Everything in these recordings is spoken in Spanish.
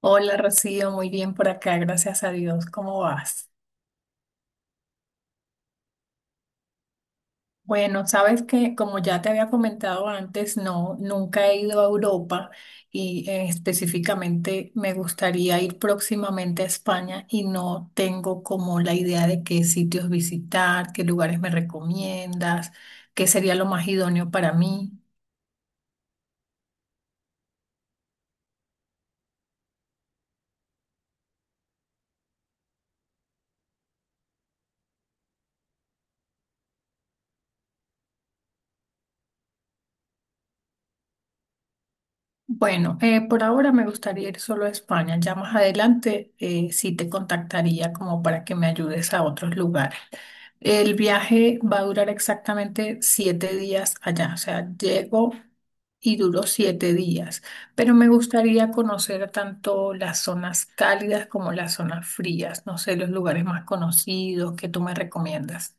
Hola Rocío, muy bien por acá, gracias a Dios. ¿Cómo vas? Bueno, sabes que como ya te había comentado antes, no, nunca he ido a Europa y específicamente me gustaría ir próximamente a España y no tengo como la idea de qué sitios visitar, qué lugares me recomiendas, qué sería lo más idóneo para mí. Bueno, por ahora me gustaría ir solo a España. Ya más adelante sí te contactaría como para que me ayudes a otros lugares. El viaje va a durar exactamente 7 días allá, o sea, llego y duró 7 días, pero me gustaría conocer tanto las zonas cálidas como las zonas frías, no sé, los lugares más conocidos que tú me recomiendas.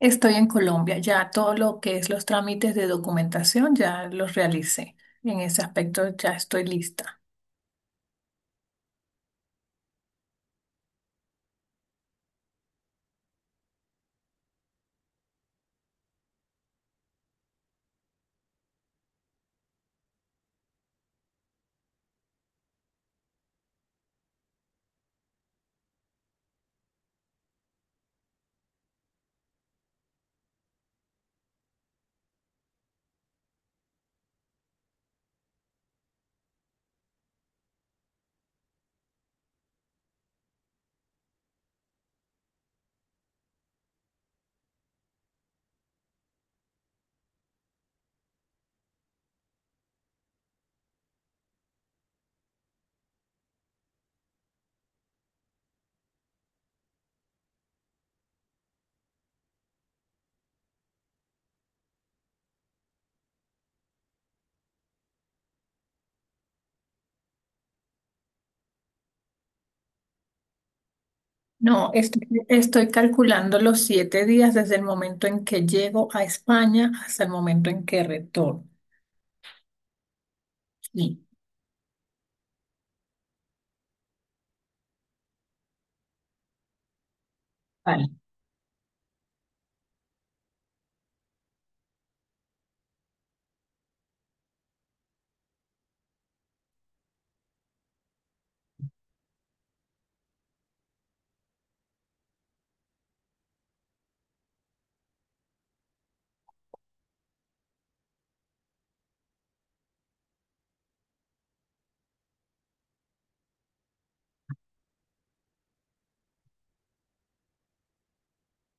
Estoy en Colombia, ya todo lo que es los trámites de documentación ya los realicé. En ese aspecto ya estoy lista. No, estoy, estoy calculando los 7 días desde el momento en que llego a España hasta el momento en que retorno. Sí, vale.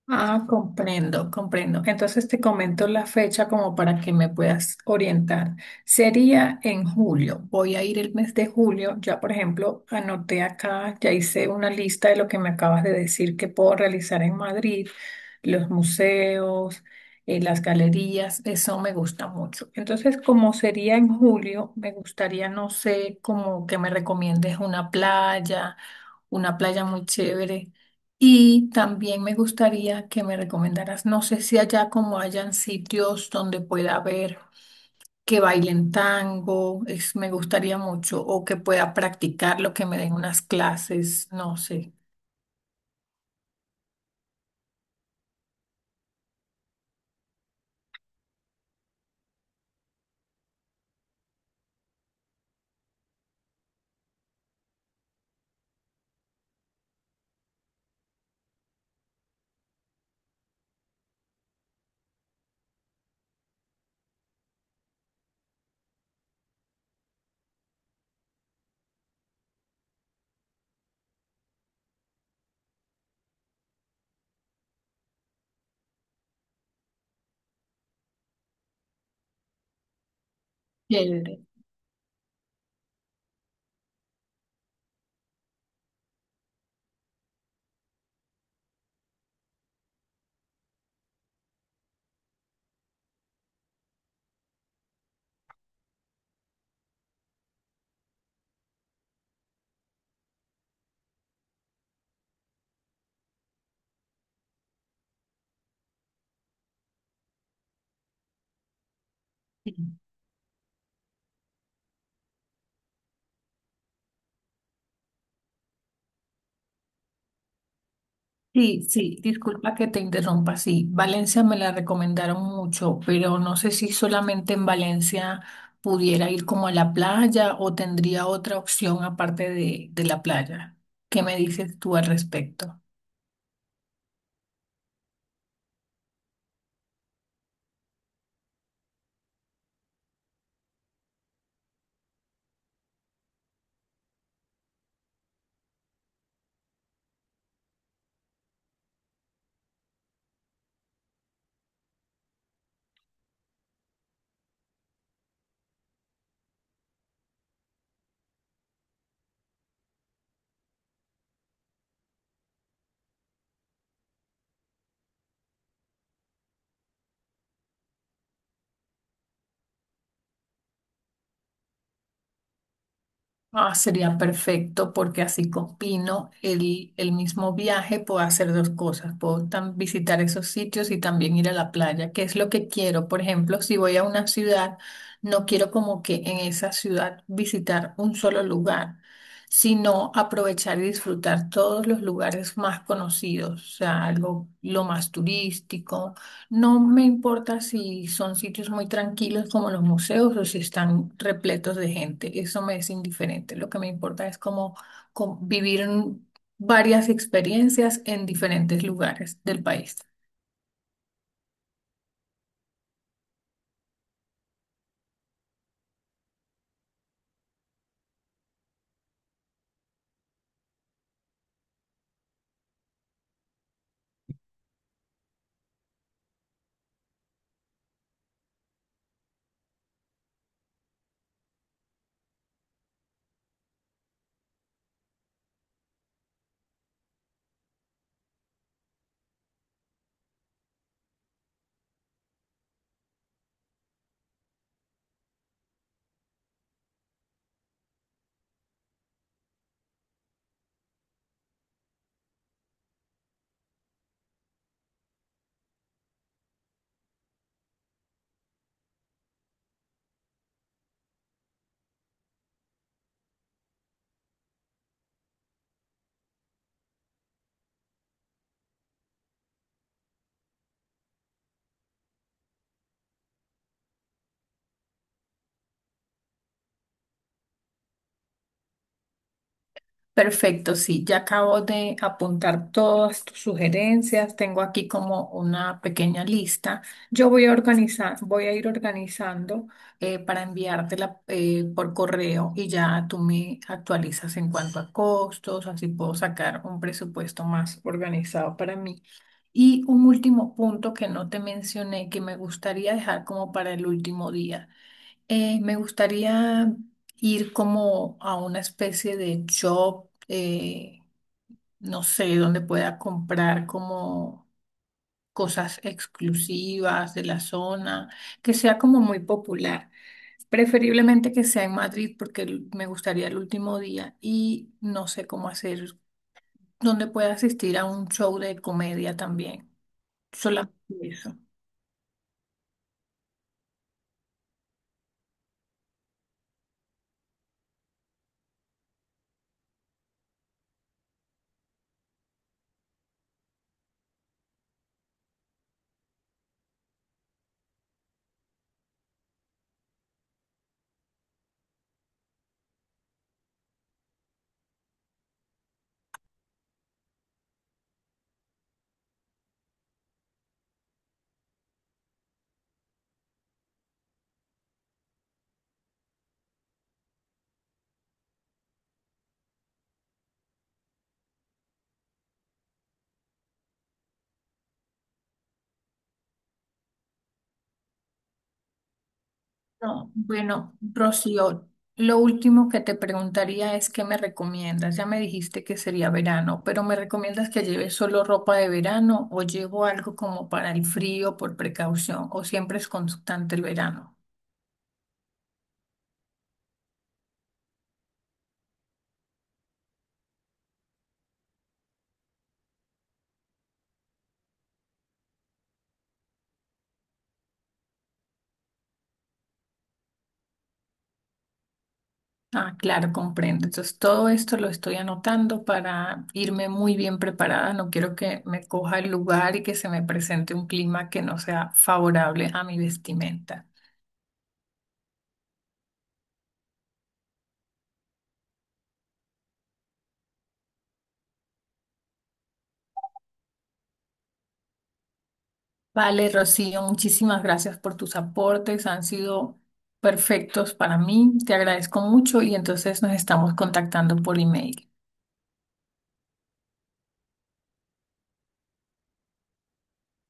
Ah, comprendo, comprendo. Entonces te comento la fecha como para que me puedas orientar. Sería en julio. Voy a ir el mes de julio. Ya, por ejemplo, anoté acá, ya hice una lista de lo que me acabas de decir que puedo realizar en Madrid, los museos, las galerías. Eso me gusta mucho. Entonces, como sería en julio, me gustaría, no sé, como que me recomiendes una playa muy chévere. Y también me gustaría que me recomendaras, no sé si allá como hayan sitios donde pueda ver que bailen tango, me gustaría mucho, o que pueda practicarlo, que me den unas clases, no sé. Chévere. Sí, sí, disculpa que te interrumpa, sí, Valencia me la recomendaron mucho, pero no sé si solamente en Valencia pudiera ir como a la playa o tendría otra opción aparte de la playa. ¿Qué me dices tú al respecto? Ah, sería perfecto porque así combino el mismo viaje, puedo hacer dos cosas, puedo visitar esos sitios y también ir a la playa, que es lo que quiero. Por ejemplo, si voy a una ciudad, no quiero como que en esa ciudad visitar un solo lugar, sino aprovechar y disfrutar todos los lugares más conocidos, o sea, algo lo más turístico. No me importa si son sitios muy tranquilos como los museos o si están repletos de gente, eso me es indiferente. Lo que me importa es como vivir en varias experiencias en diferentes lugares del país. Perfecto, sí, ya acabo de apuntar todas tus sugerencias. Tengo aquí como una pequeña lista. Yo voy a organizar, Voy a ir organizando para enviártela por correo y ya tú me actualizas en cuanto a costos, así puedo sacar un presupuesto más organizado para mí. Y un último punto que no te mencioné, que me gustaría dejar como para el último día. Me gustaría ir como a una especie de shop, no sé, donde pueda comprar como cosas exclusivas de la zona, que sea como muy popular. Preferiblemente que sea en Madrid porque me gustaría el último día y no sé cómo hacer, donde pueda asistir a un show de comedia también. Solamente eso. No, bueno, Rocío, lo último que te preguntaría es qué me recomiendas. Ya me dijiste que sería verano, pero ¿me recomiendas que lleve solo ropa de verano o llevo algo como para el frío por precaución o siempre es constante el verano? Ah, claro, comprendo. Entonces, todo esto lo estoy anotando para irme muy bien preparada. No quiero que me coja el lugar y que se me presente un clima que no sea favorable a mi vestimenta. Vale, Rocío, muchísimas gracias por tus aportes, han sido perfectos para mí, te agradezco mucho y entonces nos estamos contactando por email.